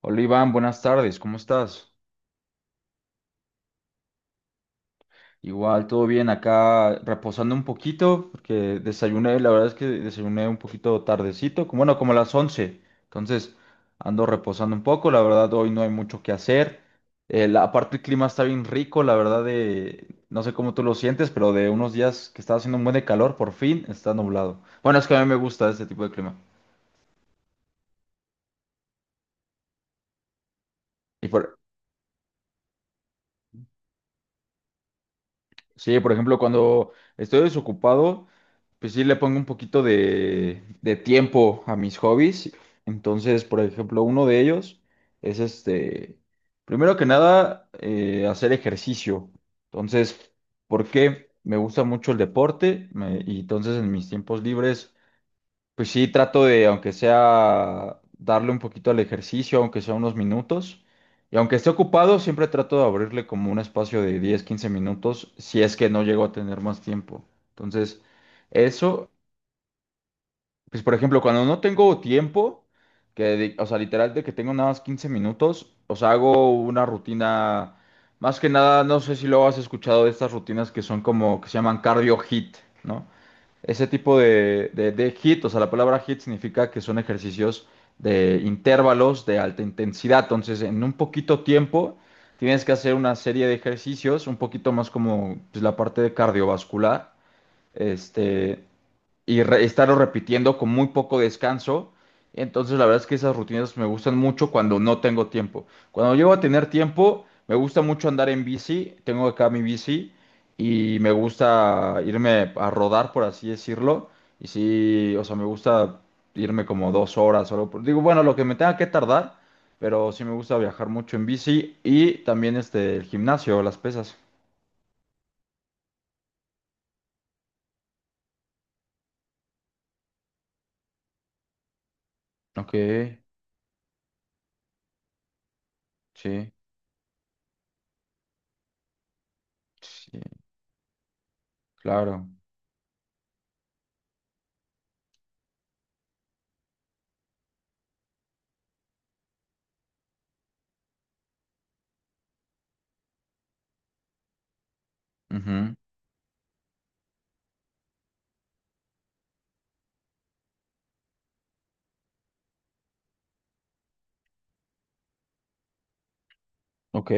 Hola Iván, buenas tardes, ¿cómo estás? Igual, todo bien, acá reposando un poquito, porque desayuné, la verdad es que desayuné un poquito tardecito, como, bueno, como a las 11. Entonces ando reposando un poco, la verdad hoy no hay mucho que hacer. Aparte el clima está bien rico, la verdad no sé cómo tú lo sientes, pero de unos días que estaba haciendo un buen de calor, por fin está nublado. Bueno, es que a mí me gusta este tipo de clima. Y por, Sí, por ejemplo, cuando estoy desocupado, pues sí le pongo un poquito de tiempo a mis hobbies. Entonces, por ejemplo, uno de ellos es este, primero que nada, hacer ejercicio. Entonces, ¿por qué? Me gusta mucho el deporte y entonces en mis tiempos libres pues sí, trato de, aunque sea, darle un poquito al ejercicio, aunque sea unos minutos. Y aunque esté ocupado, siempre trato de abrirle como un espacio de 10, 15 minutos, si es que no llego a tener más tiempo. Entonces, eso, pues por ejemplo, cuando no tengo tiempo, o sea, literal de que tengo nada más 15 minutos, o sea, hago una rutina, más que nada, no sé si lo has escuchado de estas rutinas que son como, que se llaman cardio hit, ¿no? Ese tipo de, de hit, o sea, la palabra hit significa que son ejercicios de intervalos de alta intensidad. Entonces, en un poquito tiempo tienes que hacer una serie de ejercicios, un poquito más como pues, la parte de cardiovascular, este, estarlo repitiendo con muy poco descanso. Entonces, la verdad es que esas rutinas me gustan mucho cuando no tengo tiempo. Cuando llego a tener tiempo, me gusta mucho andar en bici. Tengo acá mi bici y me gusta irme a rodar, por así decirlo. Y sí, o sea, me gusta irme como 2 horas o algo. Digo, bueno, lo que me tenga que tardar, pero sí me gusta viajar mucho en bici y también este, el gimnasio, las pesas. Ok, sí, sí, claro. Ujú. Ok.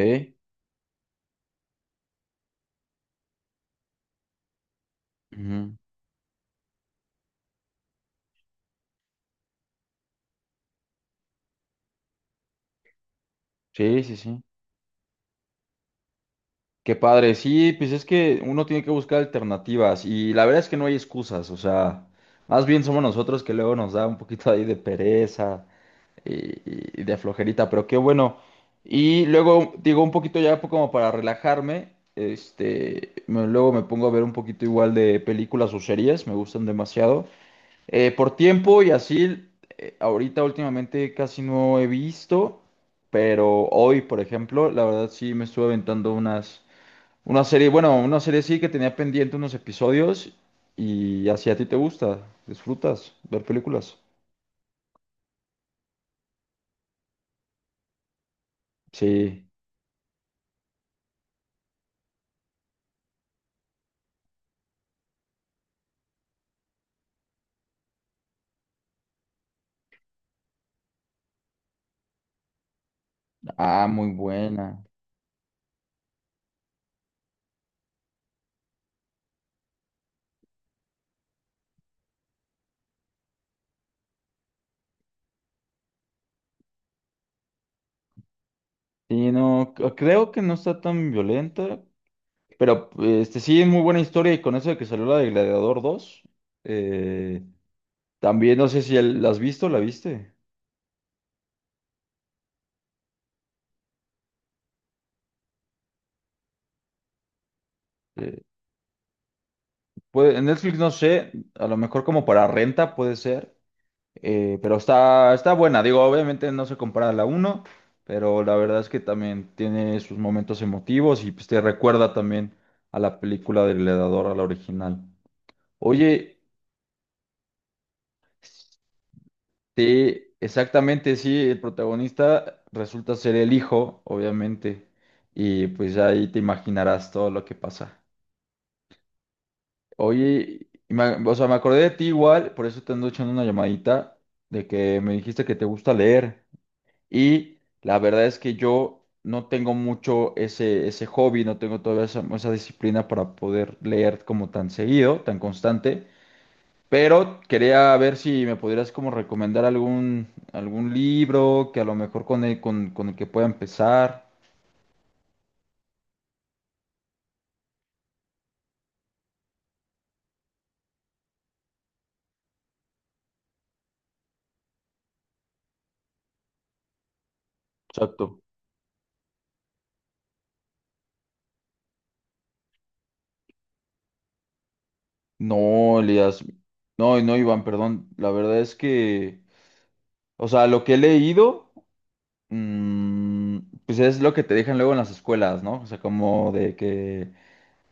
Ujú. Sí, sí, sí. Qué padre. Sí, pues es que uno tiene que buscar alternativas y la verdad es que no hay excusas. O sea, más bien somos nosotros que luego nos da un poquito ahí de pereza y de flojerita, pero qué bueno. Y luego, digo, un poquito ya como para relajarme, luego me pongo a ver un poquito igual de películas o series, me gustan demasiado. Por tiempo y así, ahorita últimamente casi no he visto, pero hoy, por ejemplo, la verdad sí me estuve aventando una serie, bueno, una serie sí que tenía pendiente unos episodios y así a ti te gusta, disfrutas ver películas. Sí, ah, muy buena. Sí, no, creo que no está tan violenta, pero este sí es muy buena historia y con eso de que salió la de Gladiador dos, eh, también no sé si la has visto, ¿la viste? En Netflix no sé, a lo mejor como para renta puede ser, pero está, está buena. Digo, obviamente no se compara a la uno, pero la verdad es que también tiene sus momentos emotivos y pues te recuerda también a la película del Gladiador, a la original. Oye, sí, exactamente, sí, el protagonista resulta ser el hijo, obviamente, y pues ahí te imaginarás todo lo que pasa. Oye, o sea, me acordé de ti igual, por eso te ando echando una llamadita de que me dijiste que te gusta leer. Y la verdad es que yo no tengo mucho ese, ese hobby, no tengo todavía esa, esa disciplina para poder leer como tan seguido, tan constante. Pero quería ver si me pudieras como recomendar algún, algún libro que a lo mejor con el, con el que pueda empezar. Exacto. No, Elías. No, no, Iván, perdón. La verdad es que... O sea, lo que he leído, mm, pues es lo que te dejan luego en las escuelas, ¿no? O sea, como de que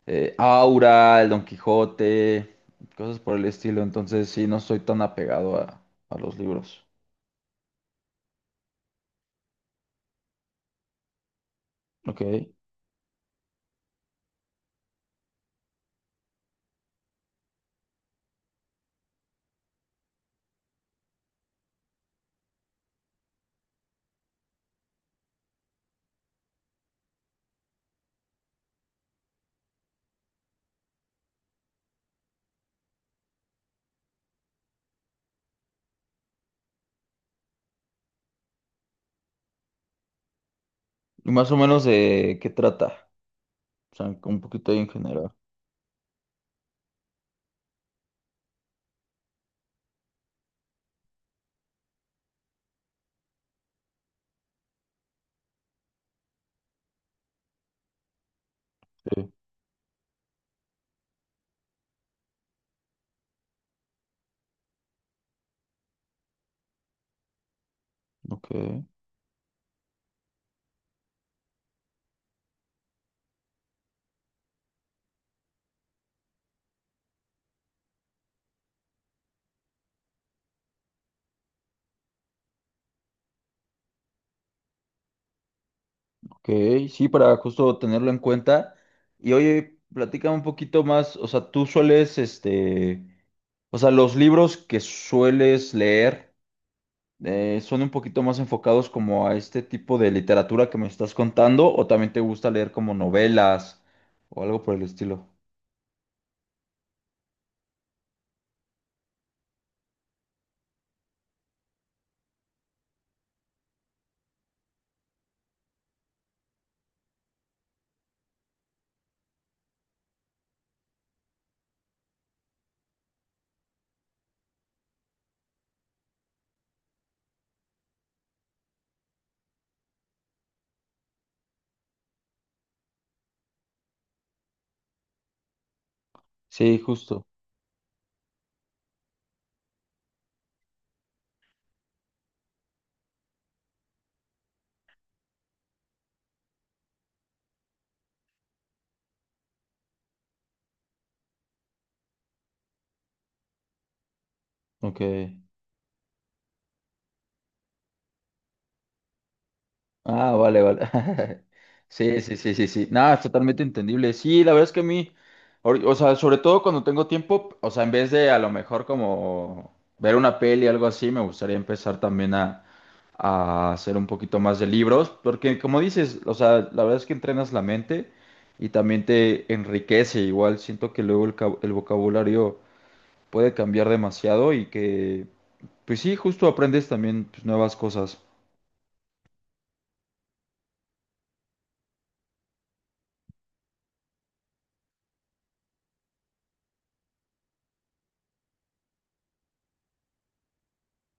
Aura, el Don Quijote, cosas por el estilo. Entonces, sí, no soy tan apegado a los libros. Ok. ¿Y más o menos de qué trata? O sea, un poquito ahí en general. Sí. Ok. Ok, sí, para justo tenerlo en cuenta. Y oye, platica un poquito más, o sea, tú sueles, o sea, los libros que sueles leer. ¿Son un poquito más enfocados como a este tipo de literatura que me estás contando o también te gusta leer como novelas o algo por el estilo? Sí, justo. Ok. Ah, vale, vale. Sí, sí, sí, sí, sí. Nada, es totalmente entendible. Sí, la verdad es que a mí, o sea, sobre todo cuando tengo tiempo, o sea, en vez de a lo mejor como ver una peli o algo así, me gustaría empezar también a hacer un poquito más de libros, porque como dices, o sea, la verdad es que entrenas la mente y también te enriquece. Igual siento que luego el vocabulario puede cambiar demasiado y que, pues sí, justo aprendes también pues, nuevas cosas.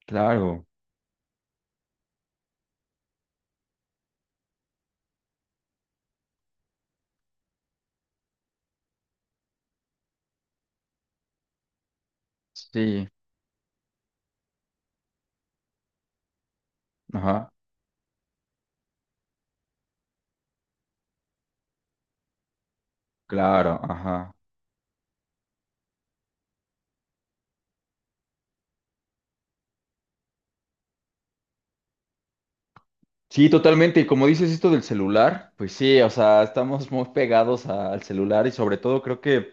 Claro, sí, ajá. Claro, ajá. Sí, totalmente. Y como dices esto del celular, pues sí, o sea, estamos muy pegados al celular y sobre todo creo que,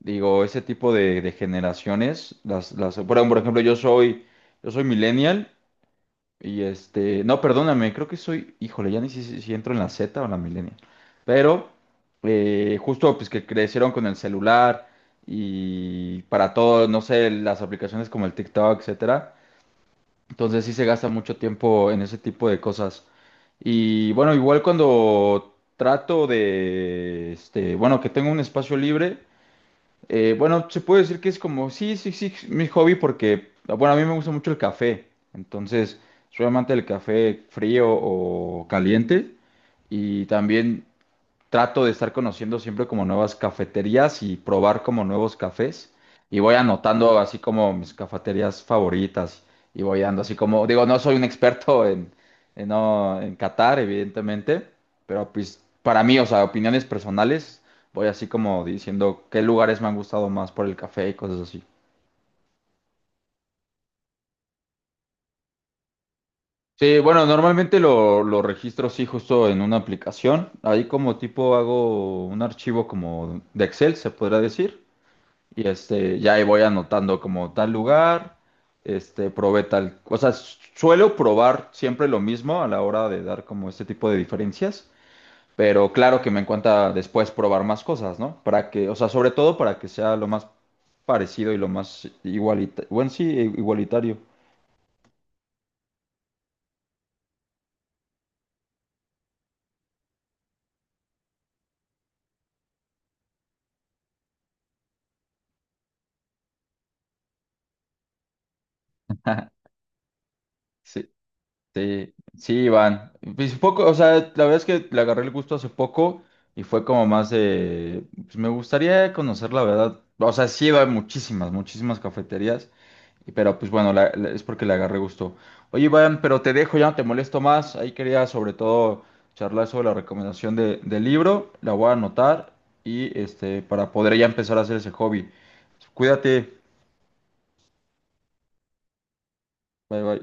digo, ese tipo de generaciones, bueno, por ejemplo, yo soy millennial y este, no, perdóname, creo que soy, híjole, ya ni sé si entro en la Z o en la millennial, pero justo pues que crecieron con el celular y para todo, no sé, las aplicaciones como el TikTok, etcétera. Entonces sí se gasta mucho tiempo en ese tipo de cosas. Y bueno, igual cuando trato de, bueno, que tengo un espacio libre, bueno, se puede decir que es como, sí, sí, sí, mi hobby porque, bueno, a mí me gusta mucho el café. Entonces, soy amante del café frío o caliente. Y también trato de estar conociendo siempre como nuevas cafeterías y probar como nuevos cafés. Y voy anotando así como mis cafeterías favoritas y voy dando así como, digo, no soy un experto en, no, en Qatar, evidentemente, pero pues para mí, o sea, opiniones personales, voy así como diciendo qué lugares me han gustado más por el café y cosas así. Sí, bueno, normalmente lo registro sí justo en una aplicación. Ahí como tipo hago un archivo como de Excel, se podrá decir. Y este, ya ahí voy anotando como tal lugar, este, probé tal, o sea, suelo probar siempre lo mismo a la hora de dar como este tipo de diferencias, pero claro que me encanta después probar más cosas, ¿no? Para que, o sea, sobre todo para que sea lo más parecido y lo más igualitario, bueno, sí, igualitario. Sí. Sí, sí, Iván. Pues poco, o sea, la verdad es que le agarré el gusto hace poco y fue como más de, pues me gustaría conocer la verdad. O sea, sí iba a muchísimas, muchísimas cafeterías, pero pues bueno, es porque le agarré gusto. Oye, Iván, pero te dejo, ya no te molesto más. Ahí quería sobre todo charlar sobre la recomendación del libro, la voy a anotar y este, para poder ya empezar a hacer ese hobby. Cuídate, bye bye.